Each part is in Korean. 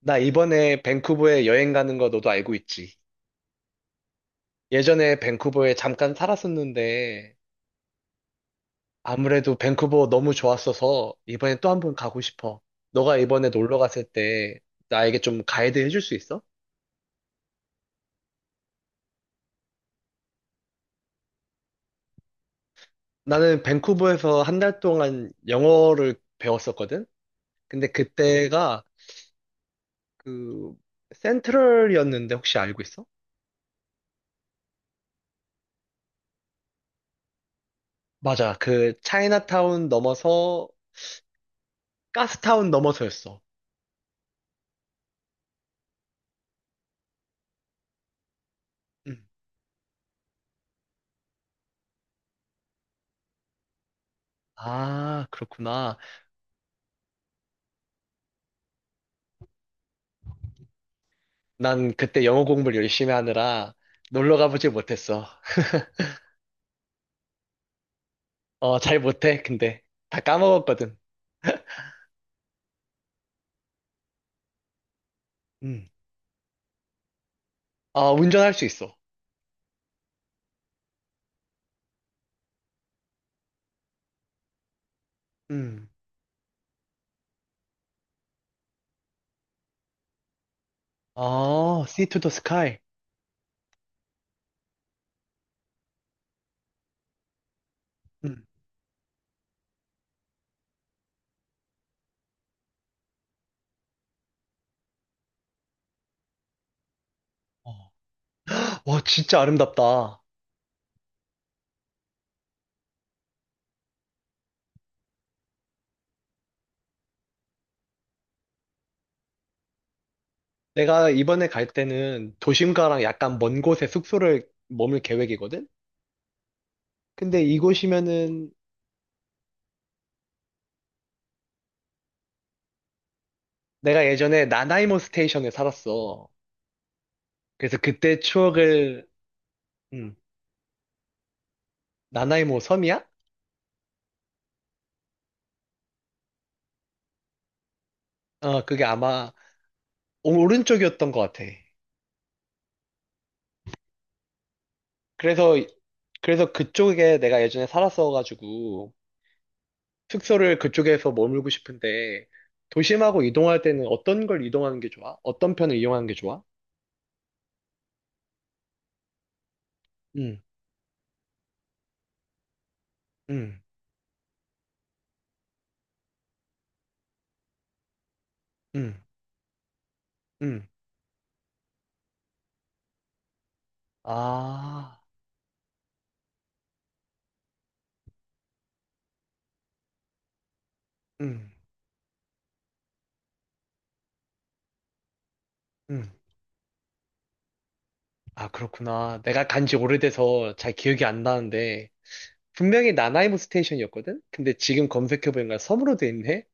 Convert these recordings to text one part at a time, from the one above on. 나 이번에 밴쿠버에 여행 가는 거 너도 알고 있지? 예전에 밴쿠버에 잠깐 살았었는데 아무래도 밴쿠버 너무 좋았어서 이번에 또 한 번 가고 싶어. 너가 이번에 놀러 갔을 때 나에게 좀 가이드 해줄 수 있어? 나는 밴쿠버에서 한 달 동안 영어를 배웠었거든? 근데 그때가 그 센트럴이었는데 혹시 알고 있어? 맞아. 그 차이나타운 넘어서 가스타운 넘어서였어. 음. 아, 그렇구나. 난 그때 영어 공부를 열심히 하느라 놀러 가보질 못했어. 어, 잘 못해, 근데. 다 까먹었거든. 음. 아, 운전할 수 있어. 음. 아, Sea to the Sky. 음. 어. 와, 진짜 아름답다. 내가 이번에 갈 때는 도심가랑 약간 먼 곳에 숙소를 머물 계획이거든? 근데 이곳이면은 내가 예전에 나나이모 스테이션에 살았어. 그래서 그때 추억을, 음, 나나이모 섬이야? 어, 그게 아마 오른쪽이었던 것 같아. 그래서, 그래서 그쪽에 내가 예전에 살았어가지고, 숙소를 그쪽에서 머물고 싶은데, 도심하고 이동할 때는 어떤 걸 이동하는 게 좋아? 어떤 편을 이용하는 게 좋아? 응, 응, 응, 응. 아, 응, 응. 아, 그렇구나. 내가 간지 오래돼서 잘 기억이 안 나는데, 분명히 나나이모 스테이션이었거든? 근데 지금 검색해보니까 섬으로 돼 있네?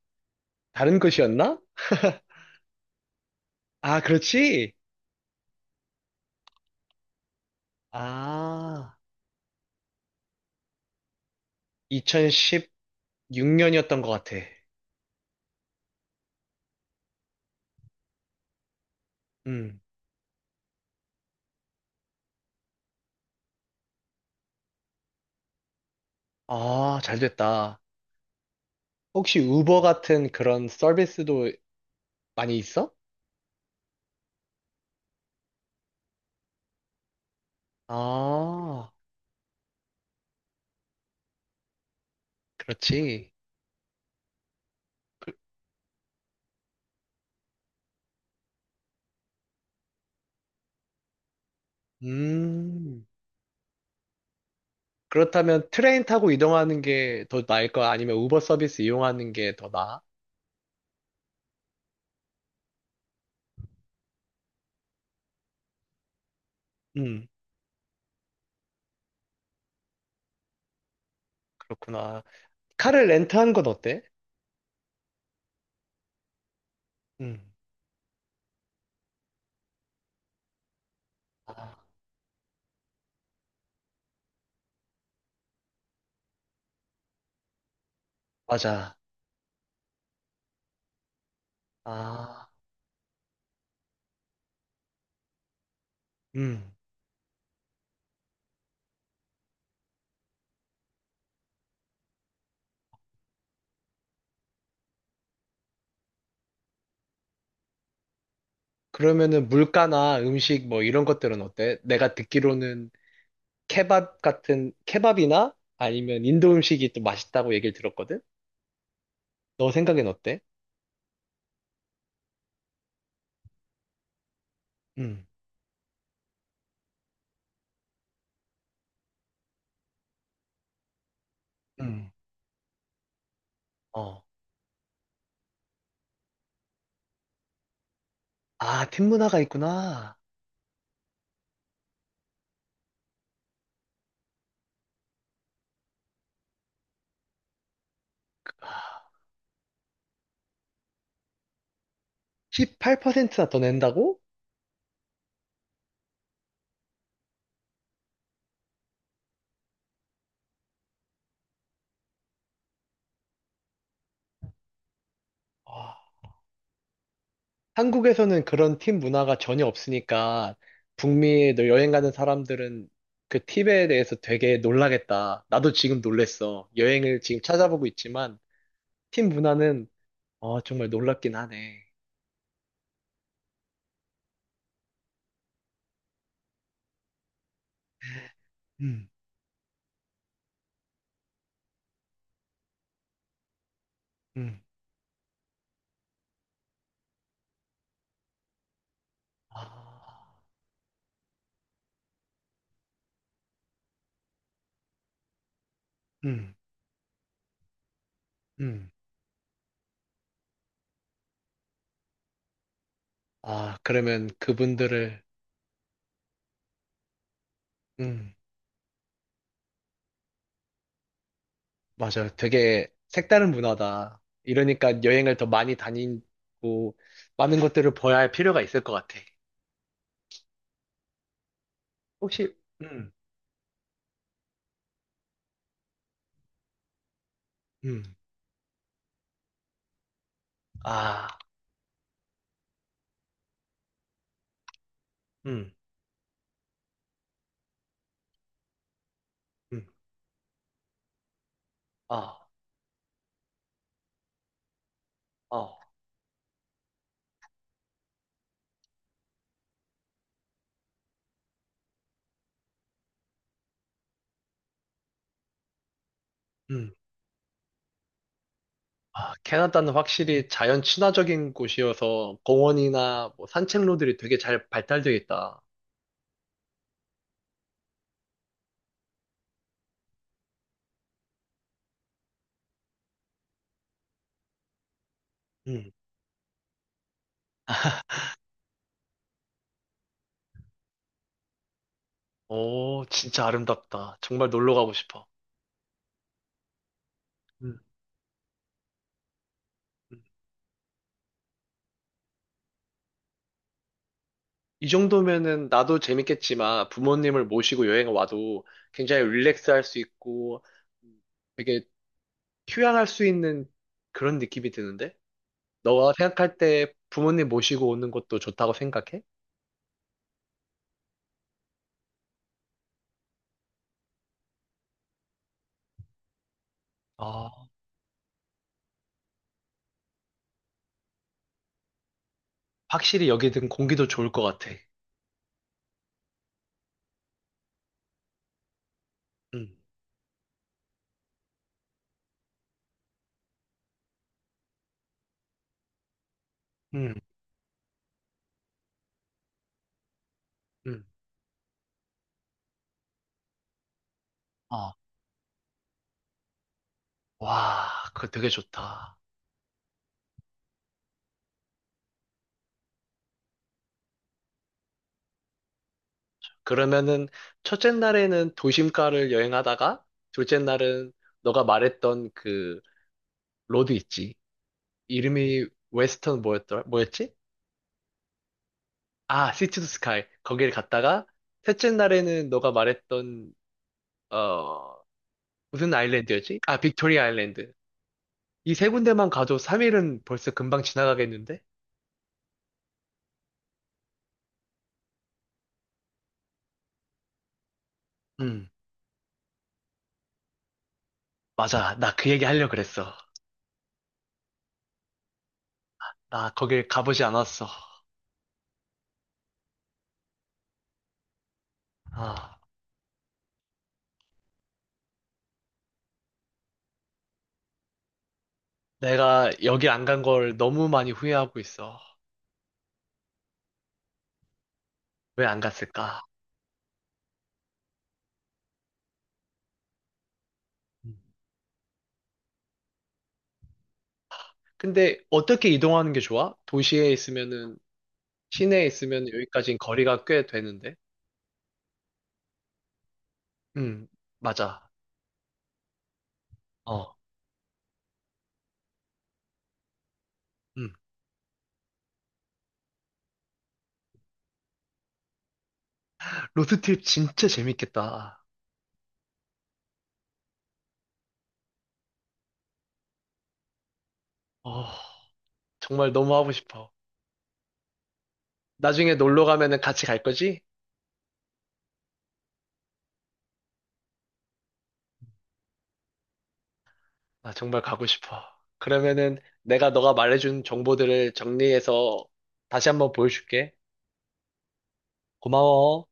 다른 곳이었나? 아, 그렇지? 아, 2016년이었던 것 같아. 음. 아, 잘 됐다. 혹시 우버 같은 그런 서비스도 많이 있어? 아, 그렇지. 그- 음, 그렇다면 트레인 타고 이동하는 게 더 나을 거야? 아니면 우버 서비스 이용하는 게 더 나아? 음, 그렇구나. 카를 렌트한 건 어때? 음, 아, 맞아. 아, 음. 그러면은 물가나 음식 뭐 이런 것들은 어때? 내가 듣기로는 케밥 같은, 케밥이나 아니면 인도 음식이 또 맛있다고 얘기를 들었거든? 너 생각엔 어때? 음, 음. 어. 아, 팀 문화가 있구나. 18%나 더 낸다고? 와. 한국에서는 그런 팀 문화가 전혀 없으니까 북미에 너 여행 가는 사람들은 그 팁에 대해서 되게 놀라겠다. 나도 지금 놀랬어. 여행을 지금 찾아보고 있지만 팀 문화는 어, 정말 놀랍긴 하네. 음, 음, 아, 음, 음, 아, 그러면 그분들을 음. 맞아요. 되게 색다른 문화다. 이러니까 여행을 더 많이 다니고 많은 것들을 봐야 할 필요가 있을 것 같아. 혹시 음, 음, 아, 음, 음, 아, 어, 음. 아, 캐나다는 확실히 자연 친화적인 곳이어서 공원이나 뭐 산책로들이 되게 잘 발달되어 있다. 음. 오, 진짜 아름답다. 정말 놀러 가고 싶어. 음. 이 정도면은 나도 재밌겠지만 부모님을 모시고 여행 와도 굉장히 릴렉스 할 수 있고 되게 휴양할 수 있는 그런 느낌이 드는데? 너가 생각할 때 부모님 모시고 오는 것도 좋다고 생각해? 아, 확실히 여기든 공기도 좋을 것 같아. 응, 응, 응. 어, 와, 그거 되게 좋다. 그러면은 첫째 날에는 도심가를 여행하다가 둘째 날은 너가 말했던 그 로드 있지. 이름이 웨스턴 뭐였더라? 뭐였지? 아, 시티 투 스카이. 거기를 갔다가 셋째 날에는 너가 말했던 어 무슨 아일랜드였지? 아, 빅토리아 아일랜드. 이 세 군데만 가도 3일은 벌써 금방 지나가겠는데? 음, 맞아. 나 그 얘기 하려고 그랬어. 나 거길 가보지 않았어. 아, 내가 여기 안 간 걸 너무 많이 후회하고 있어. 왜 안 갔을까? 음. 근데 어떻게 이동하는 게 좋아? 도시에 있으면은 시내에 있으면 여기까지는 거리가 꽤 되는데. 음, 맞아. 어, 음. 로드트립 진짜 재밌겠다. 어, 정말 너무 하고 싶어. 나중에 놀러 가면은 같이 갈 거지? 나 정말 가고 싶어. 그러면은 내가 너가 말해준 정보들을 정리해서 다시 한번 보여줄게. 고마워.